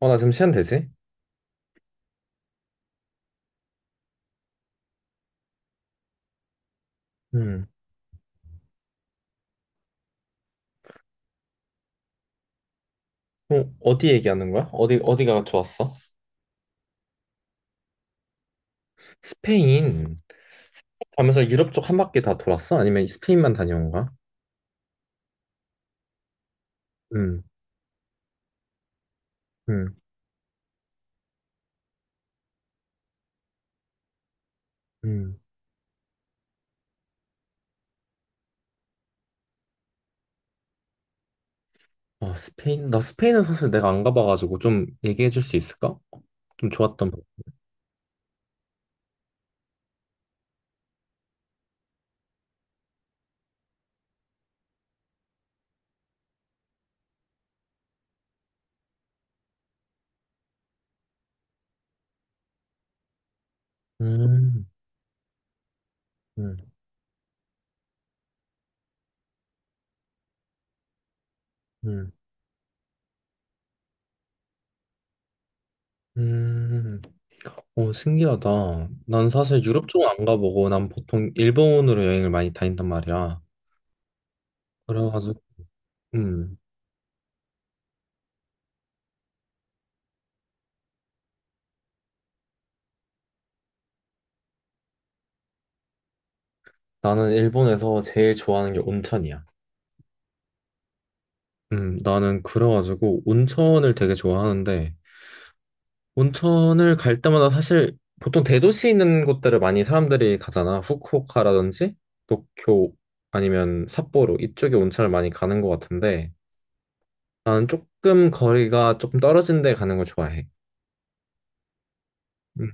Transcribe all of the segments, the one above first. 어, 나 지금 시간 되지? 음. 어, 어디 얘기하는 거야? 어디, 어디가 좋았어? 스페인 가면서 유럽 쪽 한 바퀴 다 돌았어? 아니면 스페인만 다녀온 거야? 음, 음, 음. 아, 스페인? 나 스페인은 사실 내가 안 가봐가지고 좀 얘기해 줄 수 있을까? 좀 좋았던 거. 음, 음, 음, 음. 오, 신기하다. 난 사실 유럽 쪽은 안 가보고 난 보통 일본으로 여행을 많이 다닌단 말이야. 그래가지고, 음. 나는 일본에서 제일 좋아하는 게 온천이야. 나는 그래가지고 온천을 되게 좋아하는데 온천을 갈 때마다 사실 보통 대도시 있는 곳들을 많이 사람들이 가잖아. 후쿠오카라든지 도쿄 아니면 삿포로 이쪽에 온천을 많이 가는 것 같은데 나는 조금 거리가 조금 떨어진 데 가는 걸 좋아해. 음,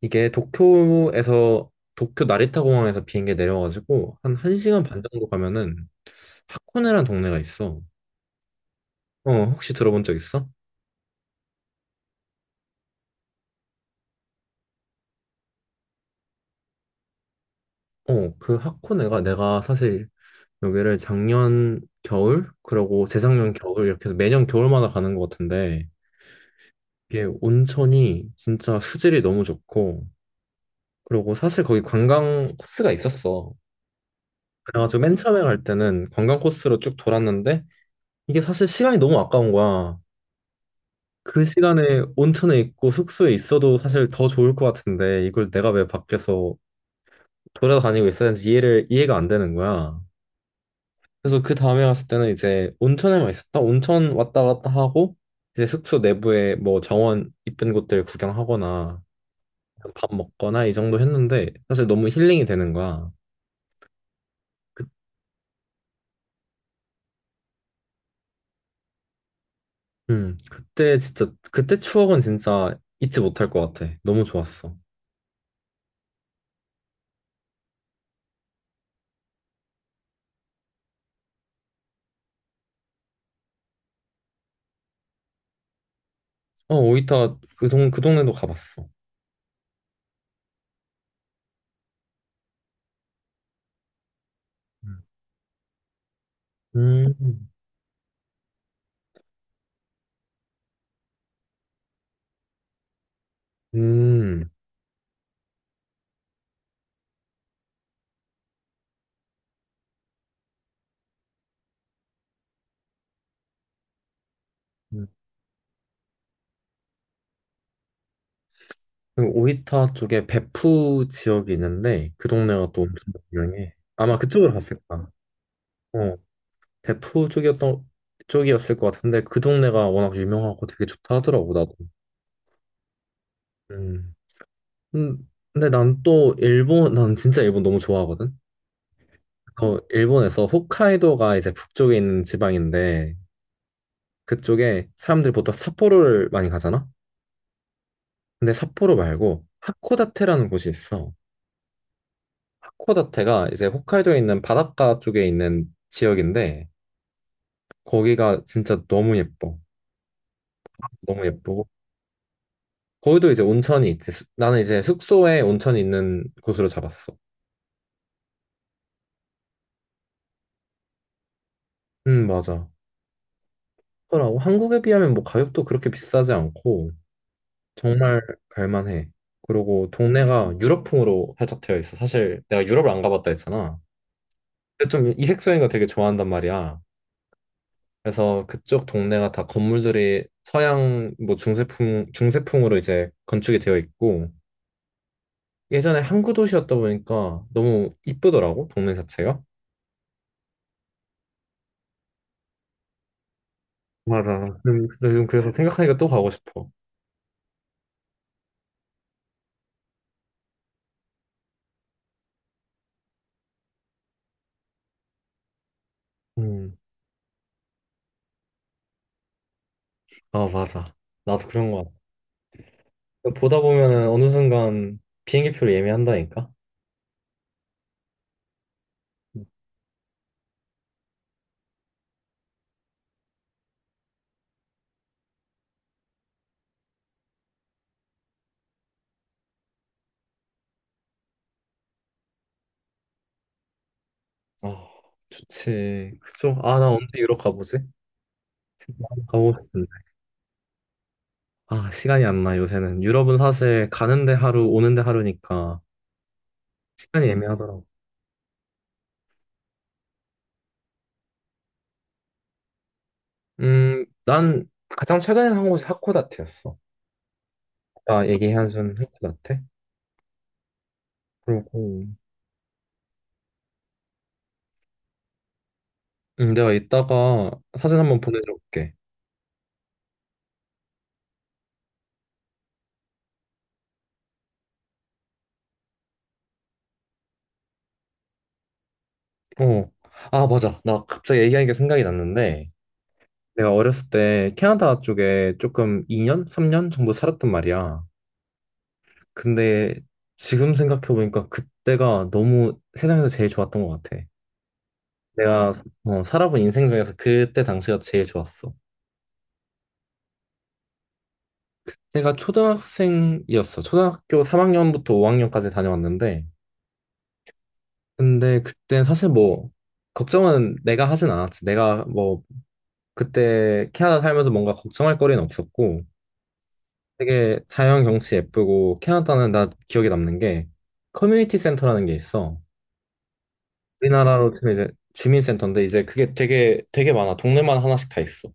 이게 도쿄에서 도쿄 나리타 공항에서 비행기 내려가지고 한 1시간 반 정도 가면은 하코네란 동네가 있어. 어, 혹시 들어본 적 있어? 어, 그 하코네가 내가 사실 여기를 작년 겨울, 그리고 재작년 겨울 이렇게 해서 매년 겨울마다 가는 것 같은데 이게 온천이 진짜 수질이 너무 좋고 그리고 사실 거기 관광 코스가 있었어. 그래가지고 맨 처음에 갈 때는 관광 코스로 쭉 돌았는데 이게 사실 시간이 너무 아까운 거야. 그 시간에 온천에 있고 숙소에 있어도 사실 더 좋을 것 같은데 이걸 내가 왜 밖에서 돌아다니고 있어야 하는지 이해를 이해가 안 되는 거야. 그래서 그 다음에 갔을 때는 이제 온천에만 있었다. 온천 왔다 갔다 하고 이제 숙소 내부에 뭐 정원 이쁜 곳들 구경하거나 밥 먹거나 이 정도 했는데 사실 너무 힐링이 되는 거야. 그, 그때 진짜 그때 추억은 진짜 잊지 못할 것 같아. 너무 좋았어. 어, 오이타 그 동네도 가봤어. 음, 음. 음. 그 오이타 쪽에 베푸 지역이 있는데 그 동네가 또 엄청 유명해. 아마 그쪽으로 갔을 거야. 어. 대포 쪽이었던 쪽이었을 것 같은데 그 동네가 워낙 유명하고 되게 좋다 하더라고 나도. 음. 음, 근데 난 진짜 일본 너무 좋아하거든. 어, 일본에서 홋카이도가 이제 북쪽에 있는 지방인데 그쪽에 사람들이 보통 삿포로를 많이 가잖아. 근데 삿포로 말고 하코다테라는 곳이 있어. 하코다테가 이제 홋카이도에 있는 바닷가 쪽에 있는 지역인데 거기가 진짜 너무 예뻐. 너무 예쁘고 거기도 이제 온천이 있지. 나는 이제 숙소에 온천이 있는 곳으로 잡았어. 맞아. 그러고 한국에 비하면 뭐 가격도 그렇게 비싸지 않고 정말 갈만해. 그리고 동네가 유럽풍으로 살짝 되어 있어. 사실 내가 유럽을 안 가봤다 했잖아. 근데 좀 이색적인 거 되게 좋아한단 말이야. 그래서 그쪽 동네가 다 건물들이 서양 뭐 중세풍 중세풍으로 이제 건축이 되어 있고 예전에 항구 도시였다 보니까 너무 이쁘더라고 동네 자체가. 맞아. 요즘 그래서 생각하니까 또 가고 싶어. 음. 아, 맞아. 나도 그런 거 같아. 보다 보면은 어느 순간 비행기 표를 예매한다니까? 아, 좋지. 그쵸 아, 나 언제 유럽 가보지? 가보고 싶은데. 아, 시간이 안 나, 요새는. 유럽은 사실 가는데 하루, 오는데 하루니까 시간이 애매하더라고. 난 가장 최근에 한 곳이 하코다테였어. 아까 얘기한 순 하코다테? 그리고, 내가 이따가 사진 한번 보내줄게. 어. 아, 맞아. 나 갑자기 얘기하니까 생각이 났는데, 내가 어렸을 때 캐나다 쪽에 조금 2년, 3년 정도 살았단 말이야. 근데 지금 생각해보니까 그때가 너무 세상에서 제일 좋았던 것 같아. 내가 어, 살아본 인생 중에서 그때 당시가 제일 좋았어. 내가 초등학생이었어. 초등학교 3학년부터 5학년까지 다녀왔는데, 근데 그때 사실 뭐, 걱정은 내가 하진 않았지. 내가 뭐, 그때 캐나다 살면서 뭔가 걱정할 거리는 없었고, 되게 자연 경치 예쁘고 캐나다는 나 기억에 남는 게 커뮤니티 센터라는 게 있어. 우리나라로 치면 이제 주민센터인데 이제 그게 되게 되게 많아. 동네마다 하나씩 다 있어.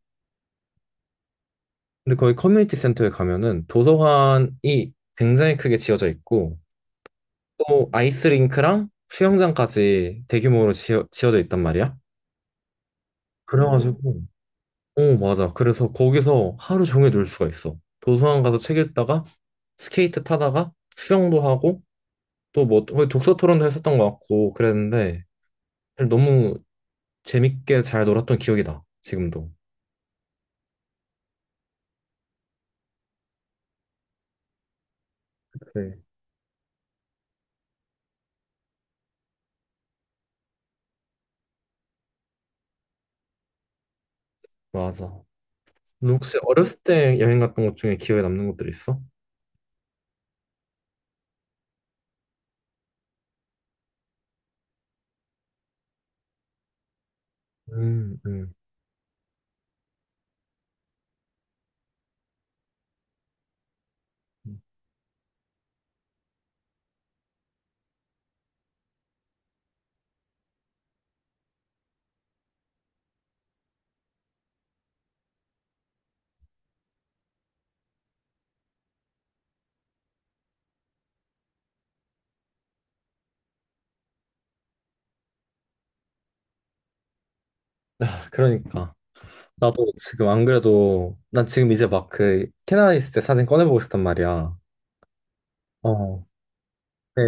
근데 거기 커뮤니티 센터에 가면은 도서관이 굉장히 크게 지어져 있고 또 아이스링크랑 수영장까지 대규모로 지어져 있단 말이야. 그래가지고 어 맞아. 그래서 거기서 하루 종일 놀 수가 있어. 도서관 가서 책 읽다가 스케이트 타다가 수영도 하고 또 뭐 독서 토론도 했었던 것 같고 그랬는데 사실 너무 재밌게 잘 놀았던 기억이 나 지금도. 네. 맞아. 너 혹시 어렸을 때 여행 갔던 것 중에 기억에 남는 것들 있어? 음, 음. 아, 그러니까 나도 지금 안 그래도 난 지금 이제 막 그 캐나다 있을 때 사진 꺼내보고 있었단 말이야. 어. 네.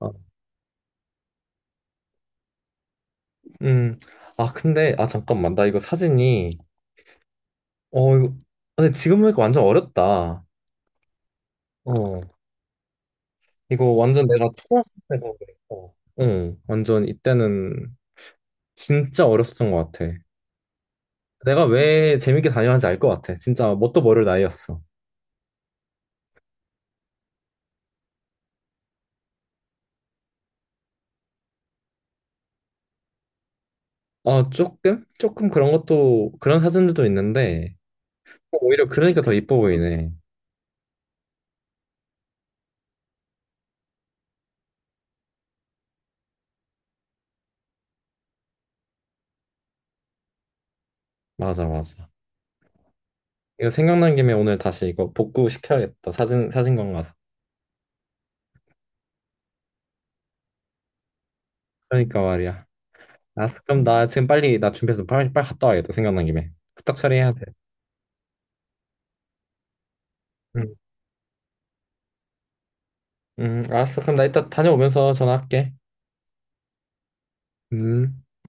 아, 음, 아, 근데, 아, 잠깐만, 나 이거 사진이, 이거, 근데 지금 보니까 완전 어렸다. 어, 이거 완전 내가 초등학생 때 본 거였어. 응 완전 이때는 진짜 어렸었던 것 같아. 내가 왜 재밌게 다녀왔는지 알 것 같아. 진짜 뭣도 모를 나이였어. 아 조금? 조금 그런 것도, 그런 사진들도 있는데, 오히려 그러니까 더 이뻐 보이네. 맞아, 맞아. 이거 생각난 김에 오늘 다시 이거 복구시켜야겠다. 사진, 사진관 가서. 그러니까 말이야. 아, 그럼 나 지금 빨리, 나 준비해서 빨리, 빨리 갔다 와야겠다. 생각난 김에. 후딱 처리해야 돼. 응, 응, 알았어. 그럼 나 이따 다녀오면서 전화할게. 음.